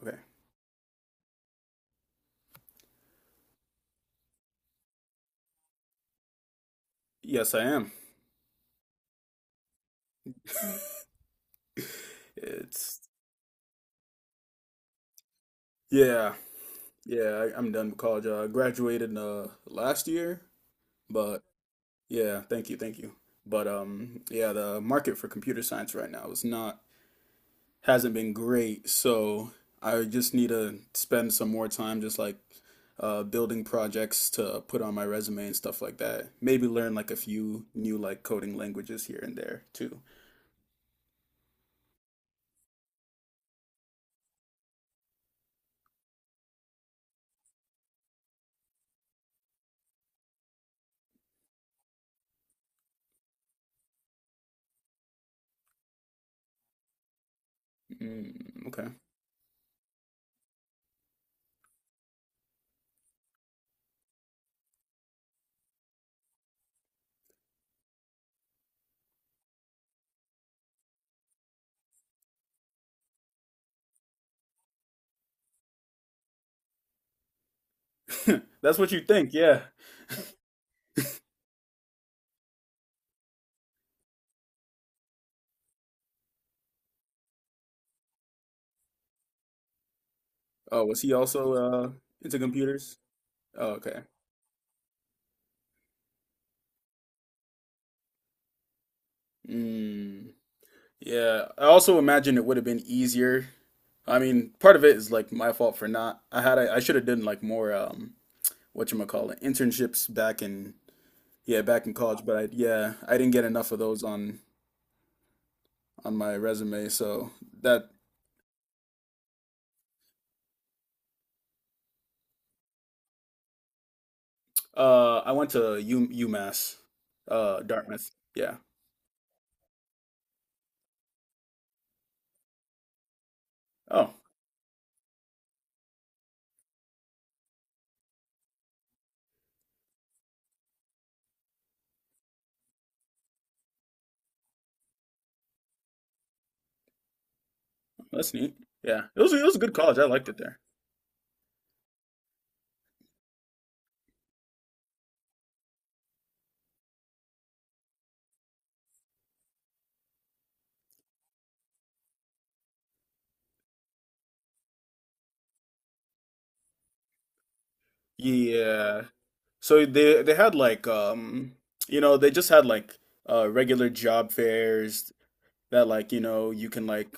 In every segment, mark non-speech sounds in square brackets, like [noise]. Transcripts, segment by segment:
Okay. Yes, I am. [laughs] It's yeah, yeah. I'm done with college. I graduated last year, but yeah, thank you, thank you. But yeah, the market for computer science right now is not hasn't been great, so I just need to spend some more time just like building projects to put on my resume and stuff like that. Maybe learn like a few new like coding languages here and there too. Mm, okay. [laughs] That's what you think, yeah. Oh, was he also into computers? Oh, okay. Mm, yeah. I also imagine it would have been easier. I mean, part of it is like my fault for not. I should have done like more whatchamacallit internships back in yeah, back in college, but I didn't get enough of those on my resume. So that I went to U UMass, Dartmouth. Yeah. Oh, that's neat. Yeah. It was a good college. I liked it there. Yeah. So they had like you know they just had like regular job fairs that like you know you can like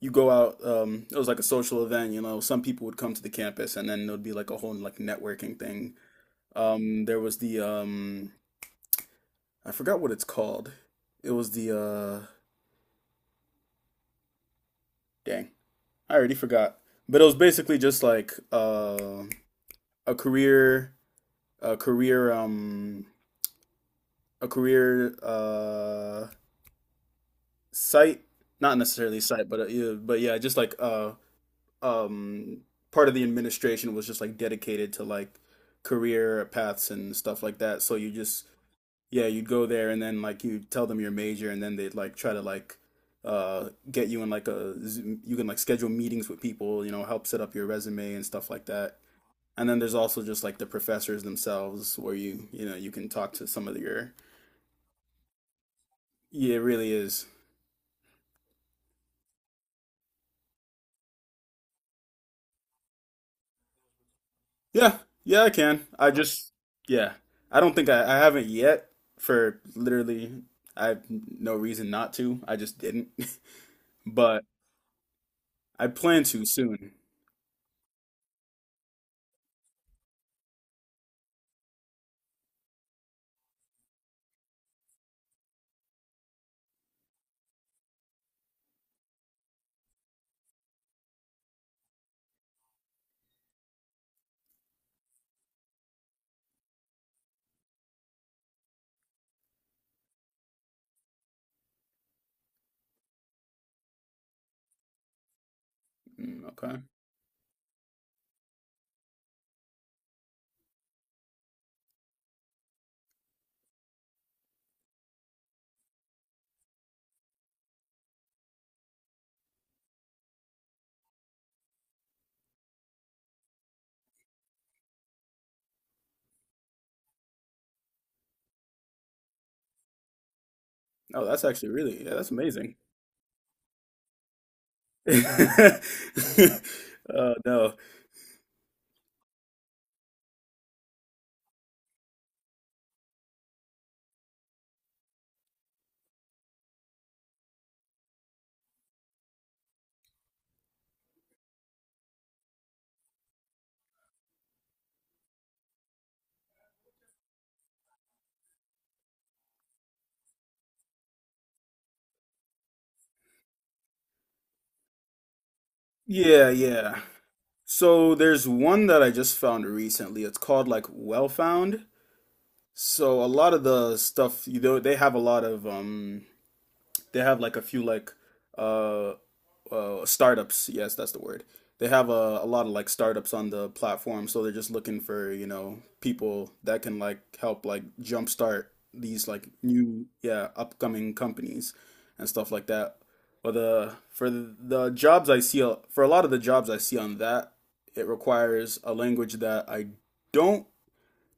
you go out it was like a social event you know some people would come to the campus and then there'd be like a whole like networking thing there was the I forgot what it's called it was the dang I already forgot but it was basically just like a career a career um a career site, not necessarily site, but yeah, but yeah, just like um part of the administration was just like dedicated to like career paths and stuff like that. So you just yeah, you'd go there and then like you tell them your major and then they'd like try to like get you in like a Zoom- you can like schedule meetings with people, you know, help set up your resume and stuff like that. And then there's also just like the professors themselves where you know, you can talk to some of your yeah, it really is. Yeah, yeah, I can. Yeah, I don't think I haven't yet for literally, I have no reason not to. I just didn't, [laughs] but I plan to soon. Mm, okay. Oh, that's actually really, yeah, that's amazing. [laughs] Oh, no. Yeah, yeah. So there's one that I just found recently. It's called like Well Found. So a lot of the stuff, you know, they have a lot of they have like a few like uh. Startups. Yes, that's the word. They have a lot of like startups on the platform, so they're just looking for, you know, people that can like help like jumpstart these like new, yeah, upcoming companies and stuff like that. But the for the, the jobs I see for a lot of the jobs I see on that, it requires a language that I don't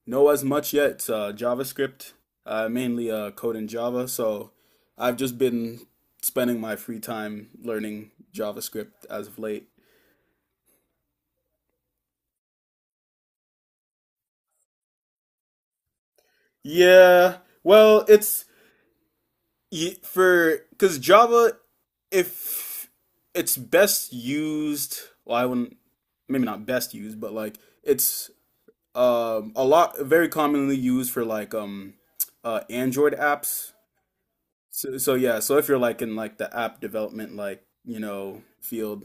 know as much yet. JavaScript, mainly code in Java. So I've just been spending my free time learning JavaScript as of late. Yeah, well, it's for because Java, if it's best used, well, I wouldn't maybe not best used, but like it's a lot very commonly used for like Android apps. So, so yeah, so if you're like in like the app development like, you know, field,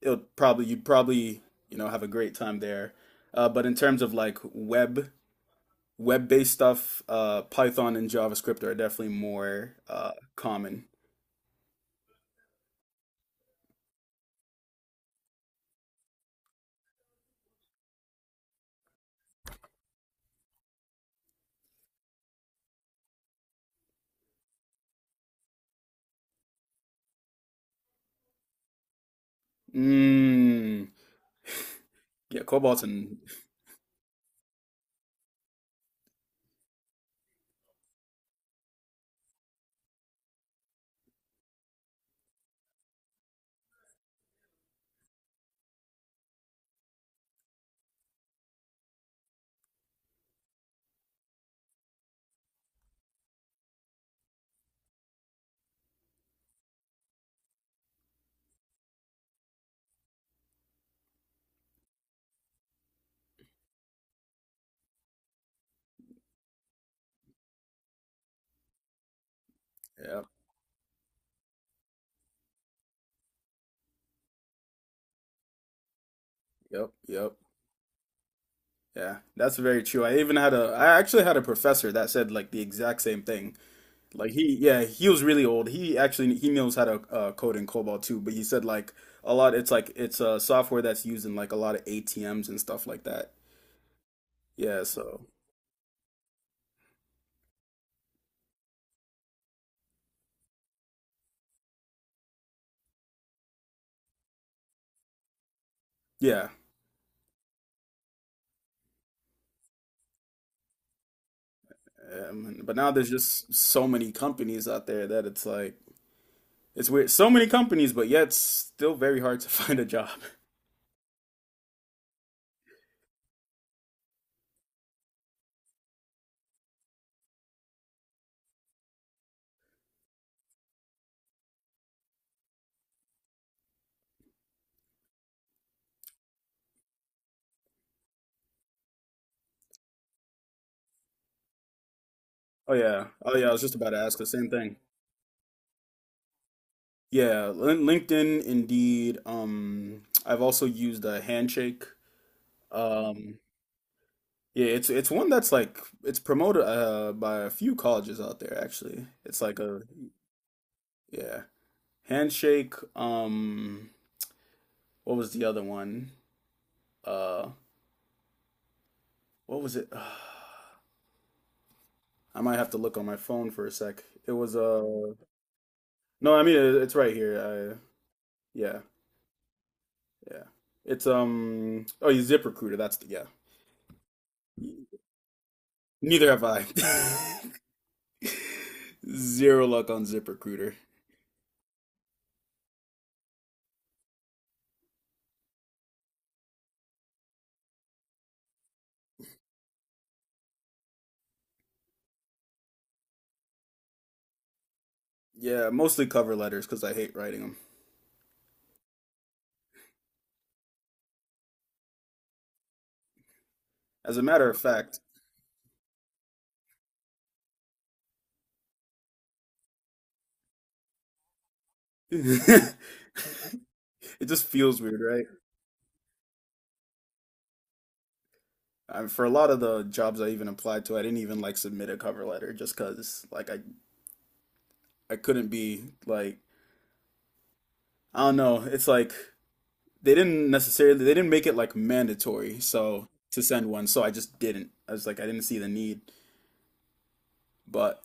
it'll probably you'd probably, you know, have a great time there. But in terms of like web-based stuff, Python and JavaScript are definitely more common. Mm, yeah, Cobalt and yep, yep, yep. Yeah, that's very true. I actually had a professor that said like the exact same thing. Like he, yeah, he was really old. He knows how to code in COBOL too, but he said like a lot. It's like it's software that's used in like a lot of ATMs and stuff like that. Yeah, so yeah, but now there's just so many companies out there that it's like it's weird. So many companies, but yet still very hard to [laughs] find a job. Oh yeah, oh yeah. I was just about to ask the same thing. Yeah, LinkedIn, Indeed. I've also used a Handshake. Um, Yeah, it's one that's like it's promoted by a few colleges out there actually. It's like a yeah. Handshake, what was the other one? Uh what was it? [sighs] I might have to look on my phone for a sec. It was no, I mean it's right here. Yeah, yeah. It's oh, you ZipRecruiter, that's the yeah. Neither have I. [laughs] Zero luck on ZipRecruiter. Yeah, mostly cover letters because I hate writing them. As a matter of fact, [laughs] it just feels weird, right? I, for a lot of the jobs I even applied to, I didn't even like submit a cover letter just because, like I couldn't be like I don't know. It's like they didn't make it like mandatory so to send one, so I just didn't. I was like I didn't see the need, but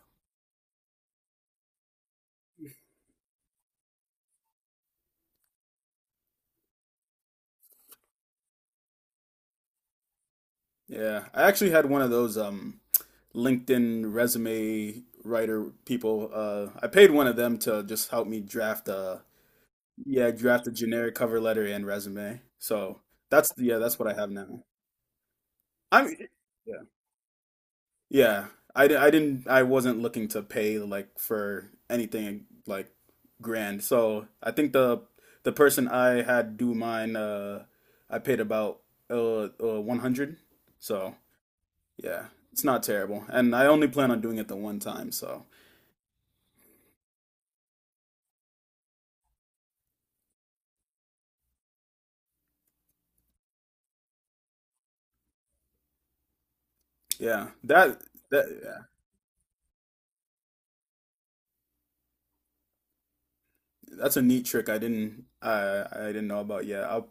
yeah, I actually had one of those LinkedIn resume writer people. I paid one of them to just help me draft a yeah, draft a generic cover letter and resume. So that's yeah, that's what I have now. I'm yeah, yeah. I didn't I wasn't looking to pay like for anything like grand. So I think the person I had do mine, I paid about 100. So yeah, it's not terrible, and I only plan on doing it the one time. So yeah, that that's a neat trick I didn't know about yet. I'll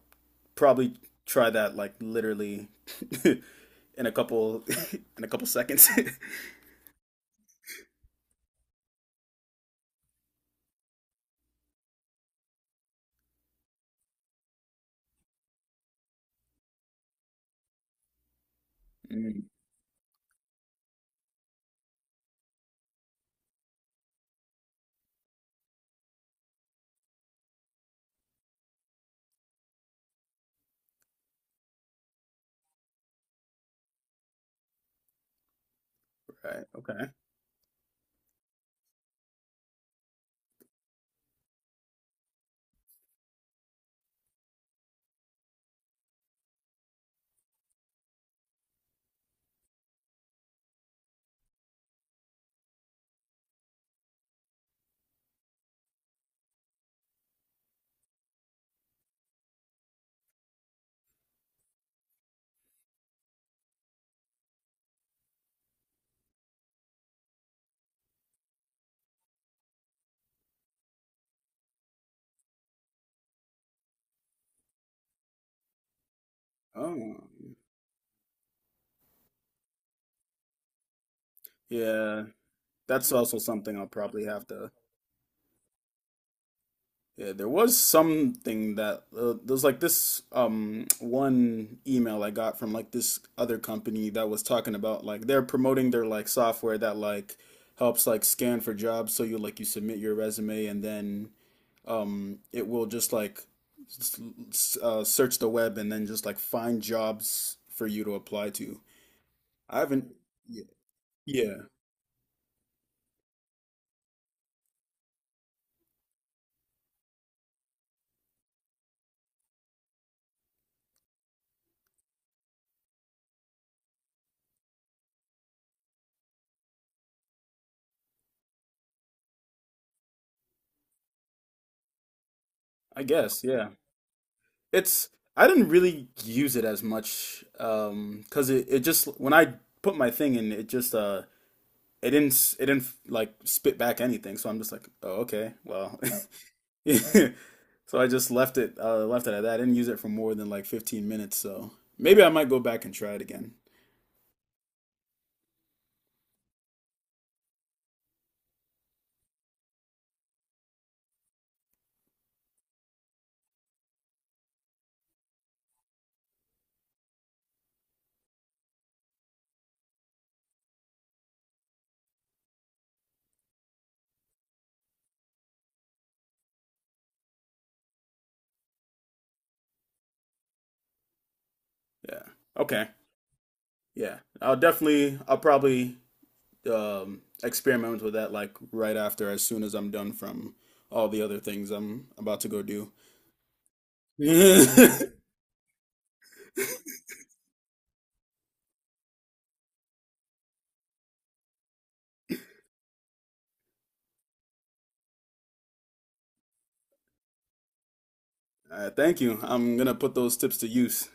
probably try that like literally [laughs] in a couple [laughs] in a couple seconds. [laughs] Mm, right. Okay. Oh. Yeah, that's also something I'll probably have to. Yeah, there was something that there was like this one email I got from like this other company that was talking about like they're promoting their like software that like helps like scan for jobs so you like you submit your resume and then it will just like search the web and then just like find jobs for you to apply to. I haven't, y- yeah, I guess, yeah. It's, I didn't really use it as much 'cause it just when I put my thing in, it just it didn't like spit back anything. So I'm just like, oh, okay, well. [laughs] So I just left it at that. I didn't use it for more than like 15 minutes, so maybe I might go back and try it again. Yeah. Okay. Yeah, I'll definitely, I'll probably experiment with that like right after, as soon as I'm done from all the other things I'm about to go do. [laughs] All right, thank you. I'm gonna put those tips to use.